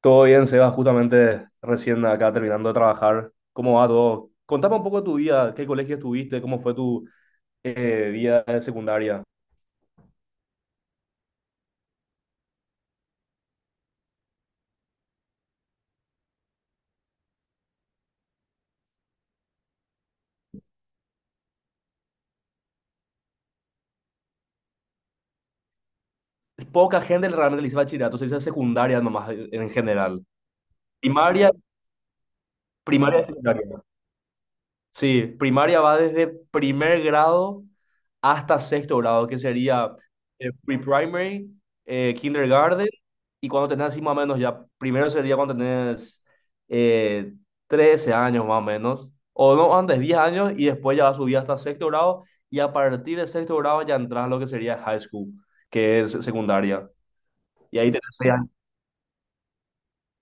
Todo bien, Seba, justamente recién acá terminando de trabajar. ¿Cómo va todo? Contame un poco de tu vida, qué colegio estuviste, cómo fue tu vida de secundaria. Poca gente realmente le dice bachillerato, se dice secundaria nomás en general. Primaria, primaria y secundaria. Sí, primaria va desde primer grado hasta sexto grado, que sería pre-primary, kindergarten, y cuando tenés así más o menos ya, primero sería cuando tenés eh, 13 años más o menos, o no, antes 10 años, y después ya va a subir hasta sexto grado, y a partir de sexto grado ya entras a lo que sería high school, que es secundaria, y ahí tenés 6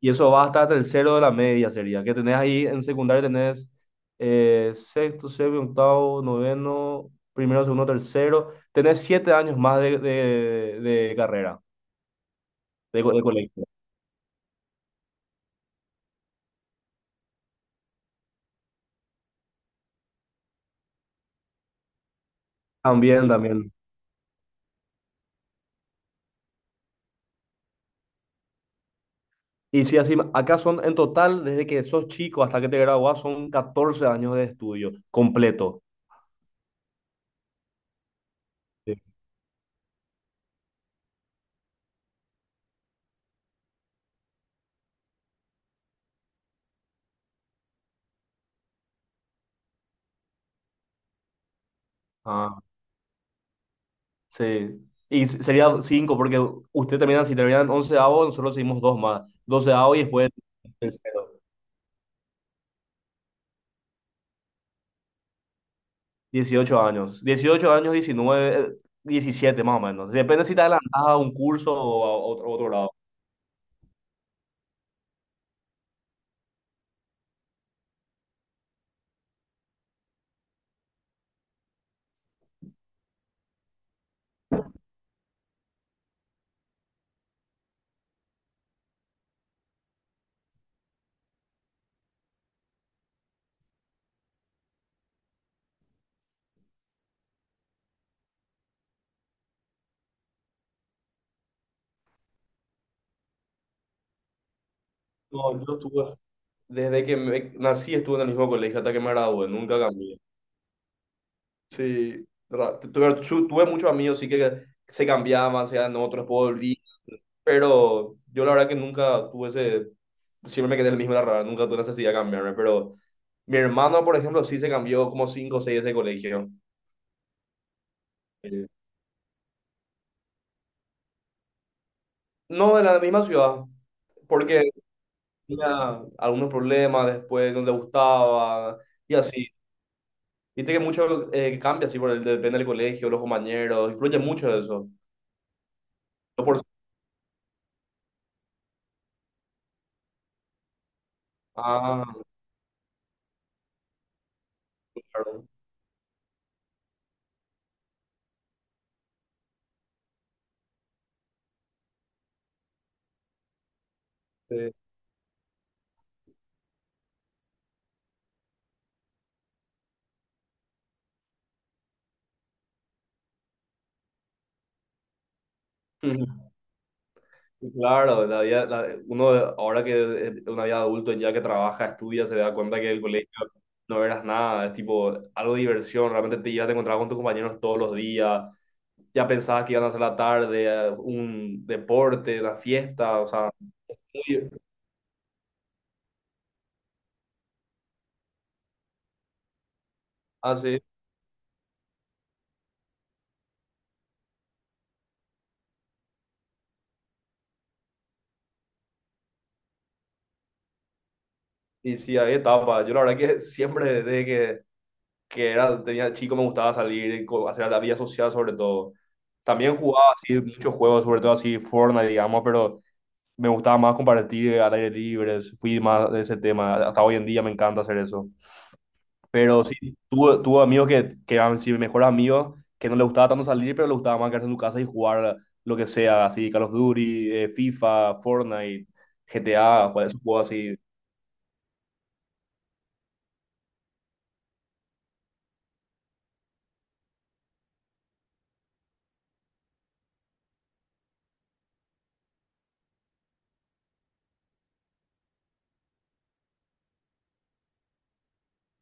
y eso va hasta tercero de la media, sería. Que tenés ahí en secundaria, tenés sexto, séptimo, octavo, noveno, primero, segundo, tercero. Tenés 7 años más de carrera, de colegio. También, también. Y sí, así, acá son en total, desde que sos chico hasta que te gradúas, son 14 años de estudio completo. Sí. Ah, sí. Y sería 5 porque usted terminan, si terminan 11 onceavo, nosotros seguimos dos más. 12 y después tercero. 18 años, 18 años, 19 17 más o menos. Depende si te adelantas a un curso o a otro lado. No, yo estuve, desde que nací estuve en el mismo colegio hasta que me gradué, nunca cambié. Sí, tuve muchos amigos, sí que se cambiaban, se en otros por día, pero yo la verdad que nunca tuve ese, siempre me quedé el mismo, la verdad, nunca tuve necesidad de cambiarme, pero mi hermano, por ejemplo, sí se cambió como 5 o 6 de ese colegio. Eh, No, de la misma ciudad, porque tenía algunos problemas después, no le gustaba y así. Viste que mucho cambia así, por el, depende del colegio, los compañeros, influye mucho eso. No por- ah, claro. Sí. Claro, uno ahora que es una vida adulto, ya que trabaja, estudia, se da cuenta que el colegio no eras nada, es tipo algo de diversión, realmente te ibas a encontrar con tus compañeros todos los días, ya pensabas que iban a hacer la tarde, un deporte, la fiesta, o sea, muy, así. Y sí, había etapas. Yo la verdad que siempre desde que era, tenía chico me gustaba salir, hacer la vida social sobre todo. También jugaba así muchos juegos, sobre todo así Fortnite, digamos, pero me gustaba más compartir al aire libre, fui más de ese tema. Hasta hoy en día me encanta hacer eso. Pero sí, tuve amigos que eran sí, mejores amigos, que no les gustaba tanto salir, pero les gustaba más quedarse en su casa y jugar lo que sea, así Call of Duty, FIFA, Fortnite, GTA, pues, esos juegos así.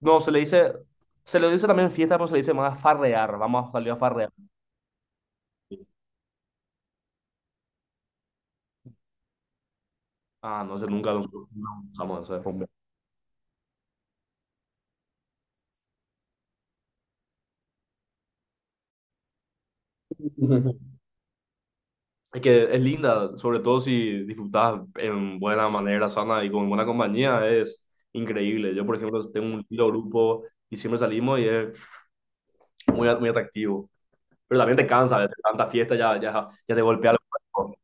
No, se le dice también fiesta, pero se le dice más farrear. Vamos a salir a farrear. Ah, no sé, nunca nosotros no usamos eso de rumbear. Es que es linda, sobre todo si disfrutas en buena manera, sana y con buena compañía, es increíble. Yo, por ejemplo, tengo un lindo grupo y siempre salimos y es muy, muy atractivo. Pero también te cansa, a veces tanta fiesta ya, ya, ya te golpea el cuerpo.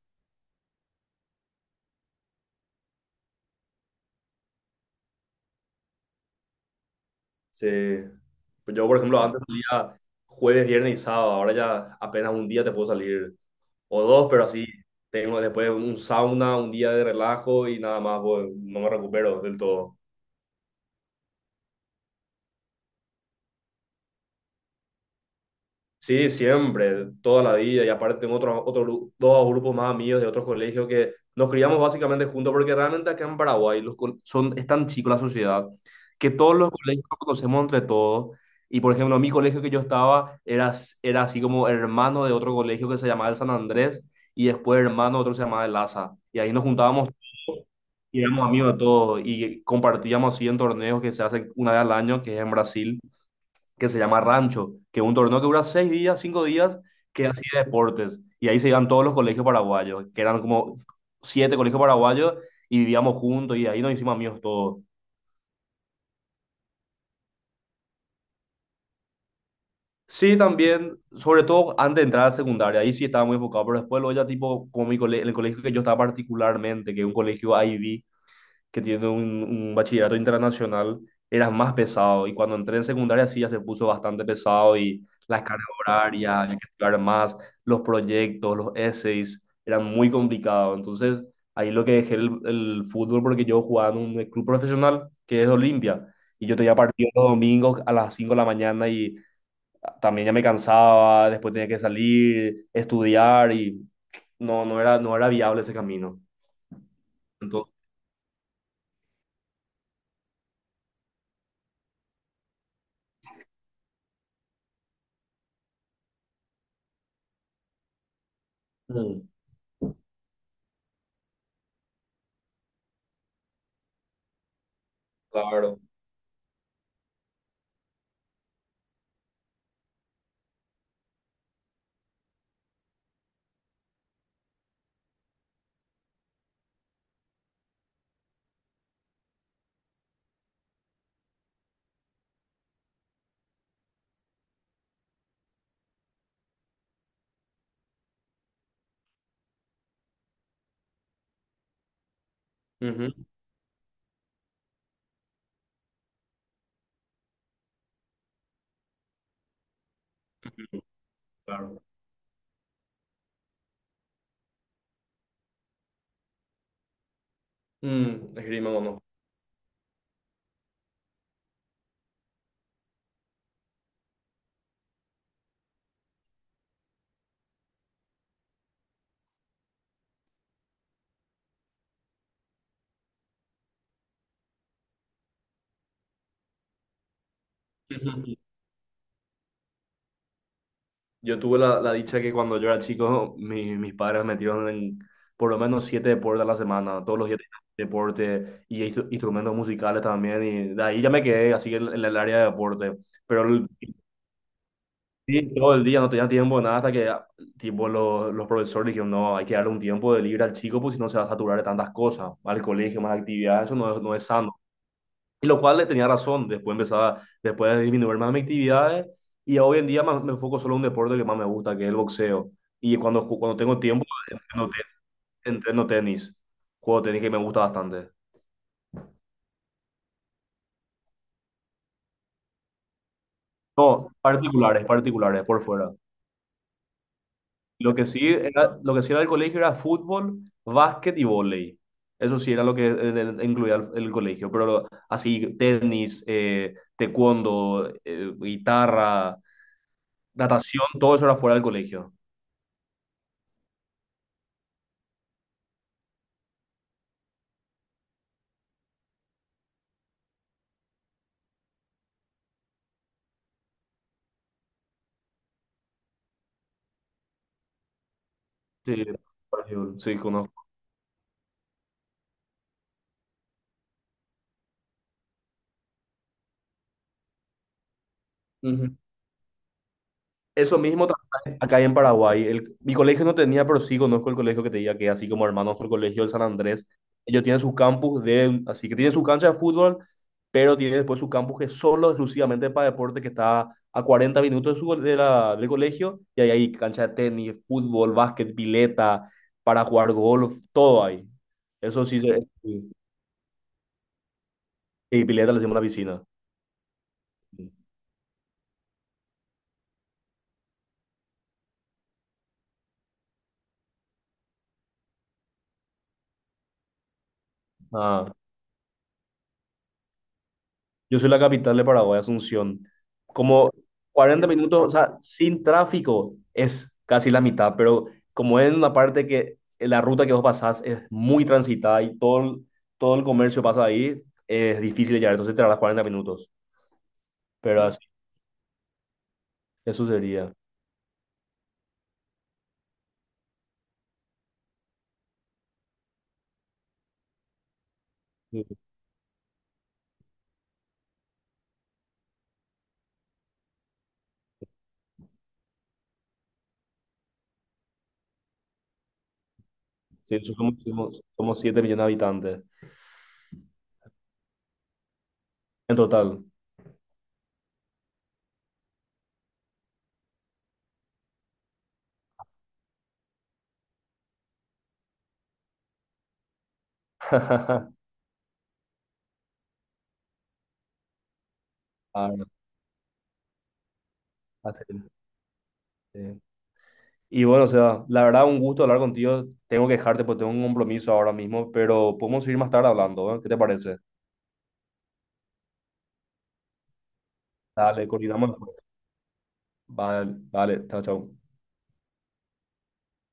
Sí. Pues yo, por ejemplo, antes salía jueves, viernes y sábado, ahora ya apenas un día te puedo salir. O dos, pero así tengo después un sauna, un día de relajo y nada más, pues, no me recupero del todo. Sí, siempre, toda la vida, y aparte tengo dos grupos más amigos de otros colegios que nos criamos básicamente juntos, porque realmente acá en Paraguay es tan chico la sociedad que todos los colegios nos conocemos entre todos. Y por ejemplo, mi colegio que yo estaba era así como hermano de otro colegio que se llamaba el San Andrés y después hermano de otro que se llamaba el Asa. Y ahí nos juntábamos. Y éramos amigos de todo y compartíamos así en torneos que se hacen una vez al año, que es en Brasil, que se llama Rancho, que es un torneo que dura 6 días, 5 días, que es así de deportes. Y ahí se iban todos los colegios paraguayos, que eran como siete colegios paraguayos, y vivíamos juntos y ahí nos hicimos amigos todos. Sí, también, sobre todo antes de entrar a secundaria, ahí sí estaba muy enfocado, pero después luego ya tipo, como el colegio que yo estaba particularmente, que es un colegio IB, que tiene un bachillerato internacional, era más pesado. Y cuando entré en secundaria sí ya se puso bastante pesado y las cargas horarias, había que estudiar más, los proyectos, los essays, eran muy complicados. Entonces ahí lo que dejé el fútbol porque yo jugaba en un club profesional que es Olimpia. Y yo tenía partido los domingos a las 5 de la mañana y también ya me cansaba, después tenía que salir, estudiar y no, no era viable ese camino. Entonces. Mm. Claro. Ujú, claro. Mm, esgrima mono. Yo tuve la dicha que cuando yo era chico, mis padres me metieron en por lo menos siete deportes a la semana, todos los días tenía deporte y instrumentos musicales también, y de ahí ya me quedé así en el área de deporte. Pero sí, todo el día no tenía tiempo de nada hasta que tipo, los profesores dijeron, no, hay que darle un tiempo de libre al chico, pues si no se va a saturar de tantas cosas, al colegio, más actividades, eso no, no es sano. Y lo cual le tenía razón, después empezaba, después de disminuir más mis actividades y hoy en día me enfoco solo en un deporte que más me gusta, que es el boxeo. Y cuando tengo tiempo, entreno, entreno tenis, juego tenis que me gusta bastante. No, particulares, particulares, por fuera. Lo que sí era el colegio era fútbol, básquet y vóley. Eso sí era lo que incluía el colegio, pero así, tenis, taekwondo, guitarra, natación, todo eso era fuera del colegio. Sí, Brasil, sí, conozco. Ujú. Eso mismo también acá en Paraguay. Mi colegio no tenía, pero sí conozco el colegio que te diga que así como hermanos el colegio del San Andrés, ellos tienen su campus de, así que tienen su cancha de fútbol, pero tienen después su campus que es solo exclusivamente para deporte, que está a 40 minutos de su, de la, del colegio, y ahí hay cancha de tenis, fútbol, básquet, pileta, para jugar golf, todo ahí. Eso sí, sí, sí, pileta le hacemos una piscina. Ah, yo soy la capital de Paraguay, Asunción. Como 40 minutos, o sea, sin tráfico es casi la mitad, pero como es una parte que la ruta que vos pasás es muy transitada y todo, todo el comercio pasa ahí, es difícil de llegar, entonces te tardas 40 minutos. Pero así, eso sería. Sí, sí, eso somos, 7 millones de habitantes en total. Ah, no, así, sí. Y bueno, o sea, la verdad, un gusto hablar contigo. Tengo que dejarte porque tengo un compromiso ahora mismo, pero podemos seguir más tarde hablando, ¿eh? ¿Qué te parece? Dale, coordinamos después. Vale, vale, chao, chao.